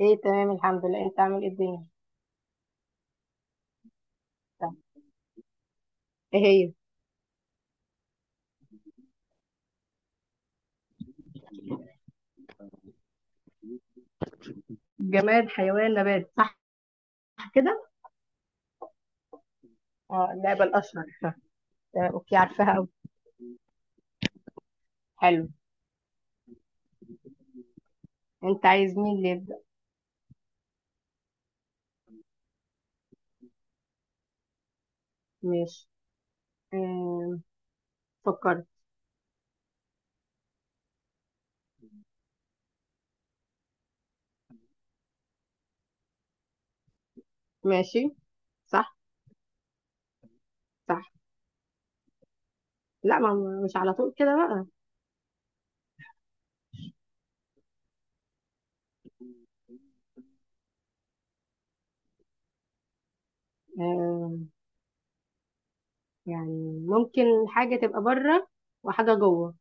ايه تمام، الحمد لله. انت عامل ايه الدنيا؟ طب، ايه هي؟ جماد حيوان نبات، صح كده. اه، اللعبة الأشهر. تمام، اوكي عارفاها اوي. حلو. انت عايز مين اللي يبدأ؟ ماشي. آم، فكرت. ماشي. صح. صح. لا مش على طول كده بقى. آم، يعني ممكن حاجة تبقى بره وحاجة جوه.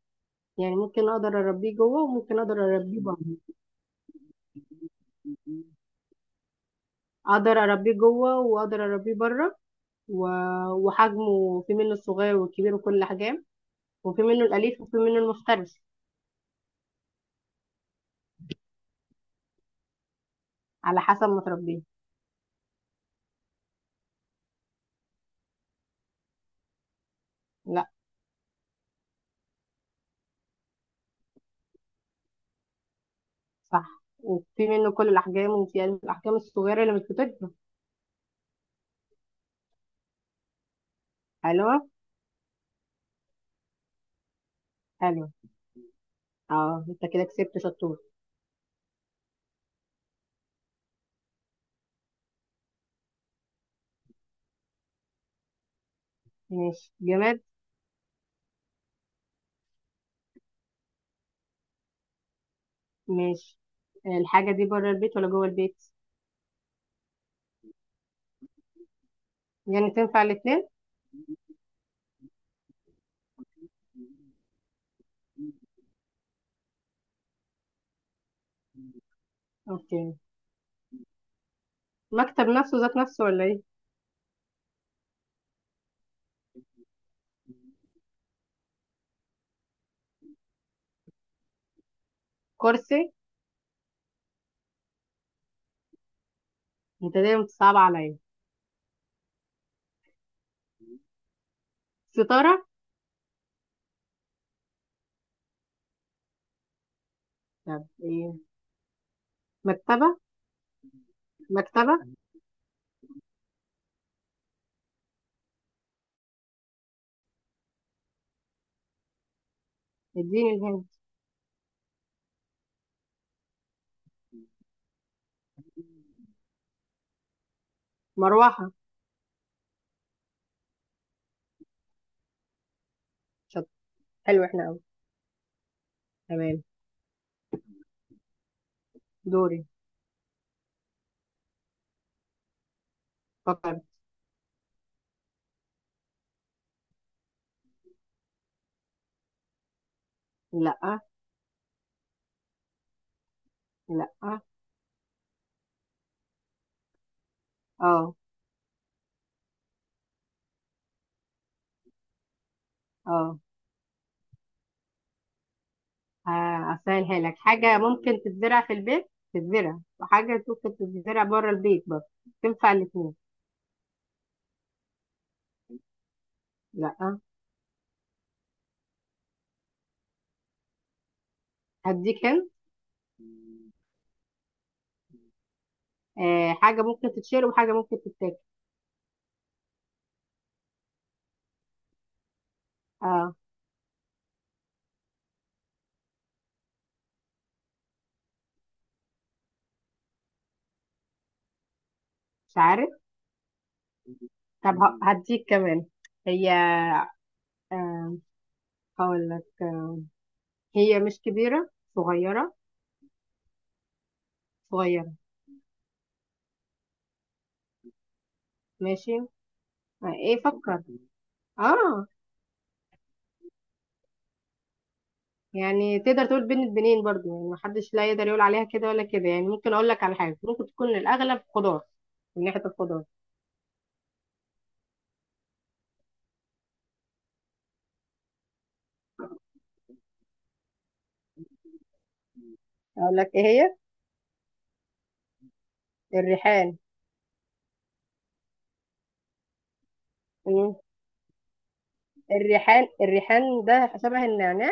يعني ممكن اقدر اربيه جوه وممكن اقدر اربيه بره. اقدر اربيه جوه واقدر اربيه بره و... وحجمه في منه الصغير والكبير وكل حاجة. وفي منه الأليف وفي منه المفترس، على حسب ما تربيه. لا. صح، وفي منه كل الأحجام وفي الأحجام الصغيرة اللي مش بتكبر. حلوة. حلوة. اه، انت كده كسبت شطور. ماشي. جماد. ماشي. الحاجة دي بره البيت ولا جوه البيت؟ يعني تنفع الاتنين. اوكي، مكتب نفسه ذات نفسه ولا ايه؟ كرسي. انت دايما بتصعب عليا. ستارة. طب ايه؟ مكتبة. مكتبة. اديني الهند. مروحة. شط، حلو احنا قوي. تمام، دوري. فكر. لا. لا. اه. اه. آه، هسهلها لك. حاجة ممكن تتزرع في البيت تتزرع وحاجة ممكن تتزرع بره البيت برضه، تنفع الاتنين. لا. هديك هنا، آه، حاجة ممكن تتشرب وحاجة ممكن تتاكل. اه. مش عارف. طب هديك كمان. هي، آه، هقول لك. آه، هي مش كبيرة، صغيرة. صغيرة. ماشي. آه، ايه فكر. اه، يعني تقدر تقول بين البنين برضو، يعني محدش لا يقدر يقول عليها كده ولا كده. يعني ممكن اقول لك على حاجه ممكن تكون الاغلب خضار، من ناحيه الخضار. اقول لك ايه هي. الريحان. مم. الريحان، الريحان ده شبه النعناع،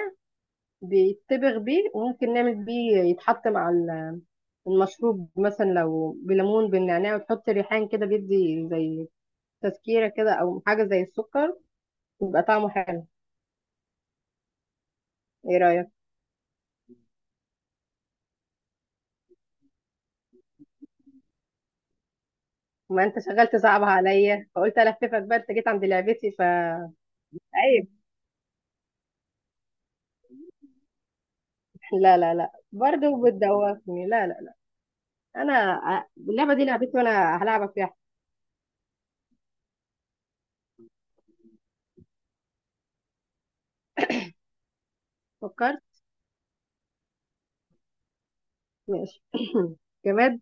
بيتبغ بيه وممكن نعمل بيه، يتحط مع المشروب. مثلا لو بليمون بالنعناع وتحط ريحان كده بيدي زي تذكيرة كده، او حاجة زي السكر، يبقى طعمه حلو. ايه رأيك؟ ما انت شغال تصعبها عليا فقلت الففك بقى. انت جيت عند لعبتي ف أيوة. لا لا لا، برضه بتدوخني، لا لا لا. انا اللعبه دي لعبتي وانا هلعبك فيها. فكرت. ماشي. جماد.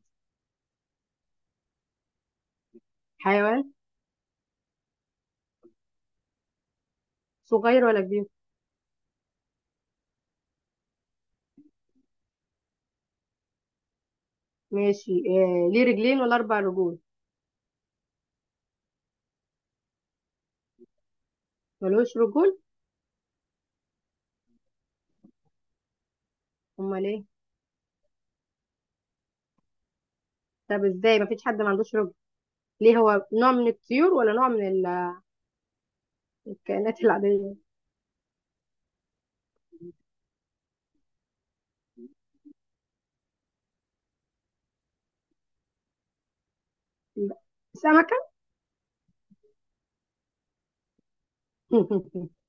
حيوان. صغير ولا كبير؟ ماشي. آه، ليه رجلين ولا اربع رجول؟ ملوش رجول؟ امال ايه؟ طب ازاي؟ مفيش حد ما عندوش رجل. ليه، هو نوع من الطيور ولا نوع من الكائنات العاديه؟ لا. سمكه.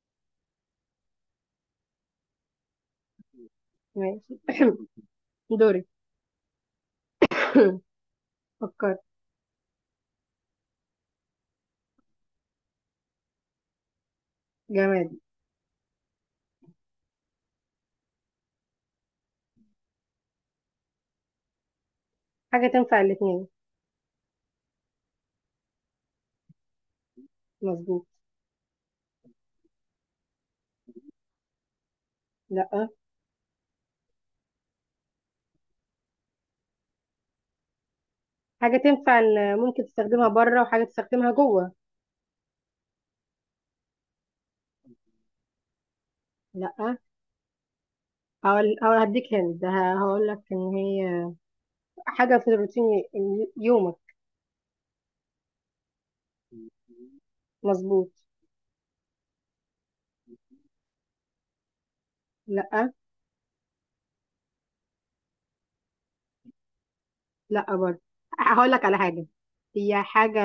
ماشي. دوري. فكرت. جماد. حاجه تنفع الاثنين. مظبوط. لا. حاجة تنفع ممكن تستخدمها بره وحاجة تستخدمها جوه. لا. هديك هند، هقول لك ان هي حاجة في روتين يومك. مظبوط. لا. لا برضه. هقول لك على حاجة، هي حاجة،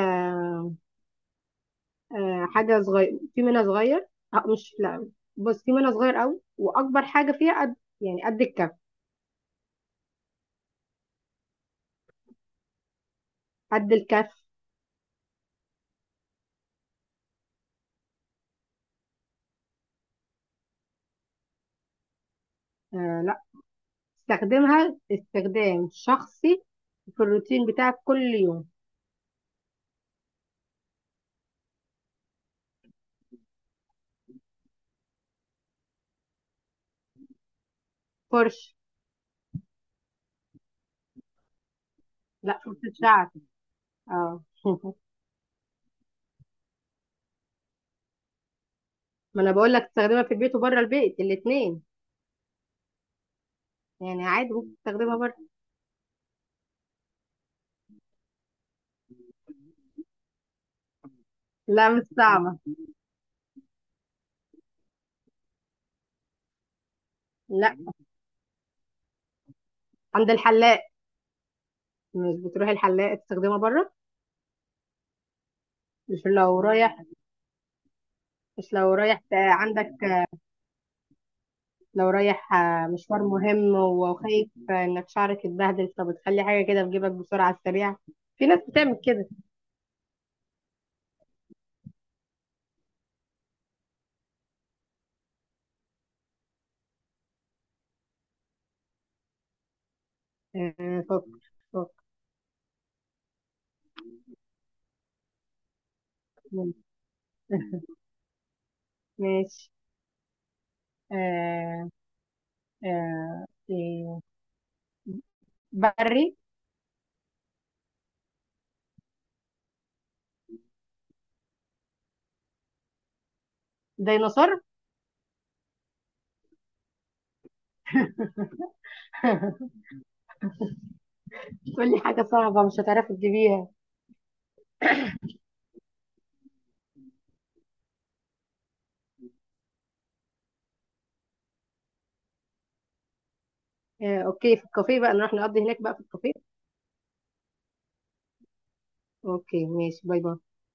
آه، حاجة صغير، في منها صغير. آه، مش لا، بص، في منها صغير قوي وأكبر حاجة فيها قد، يعني قد الكف. قد الكف. آه لا، استخدمها استخدام شخصي في الروتين بتاعك كل يوم. فرش. لا، فرشة شعر. اه. ما انا بقول لك تستخدمها في البيت وبره البيت، الاثنين. يعني عادي ممكن تستخدمها بره. لا مش صعبة. لا، عند الحلاق. مش بتروح الحلاق تستخدمها بره؟ مش لو رايح. مش لو رايح عندك. لو رايح آه، مشوار مهم وخايف انك شعرك يتبهدل، فبتخلي حاجة كده في جيبك بسرعة على السريع. في ناس بتعمل كده. آه، فك. فك. ماشي. آه. آه. إيه، بري. ديناصور. تقول لي حاجة صعبة مش هتعرفي تجيبيها. آه، اوكي، في الكافيه بقى، نروح نقضي هناك بقى في الكافيه. اوكي ماشي، باي باي.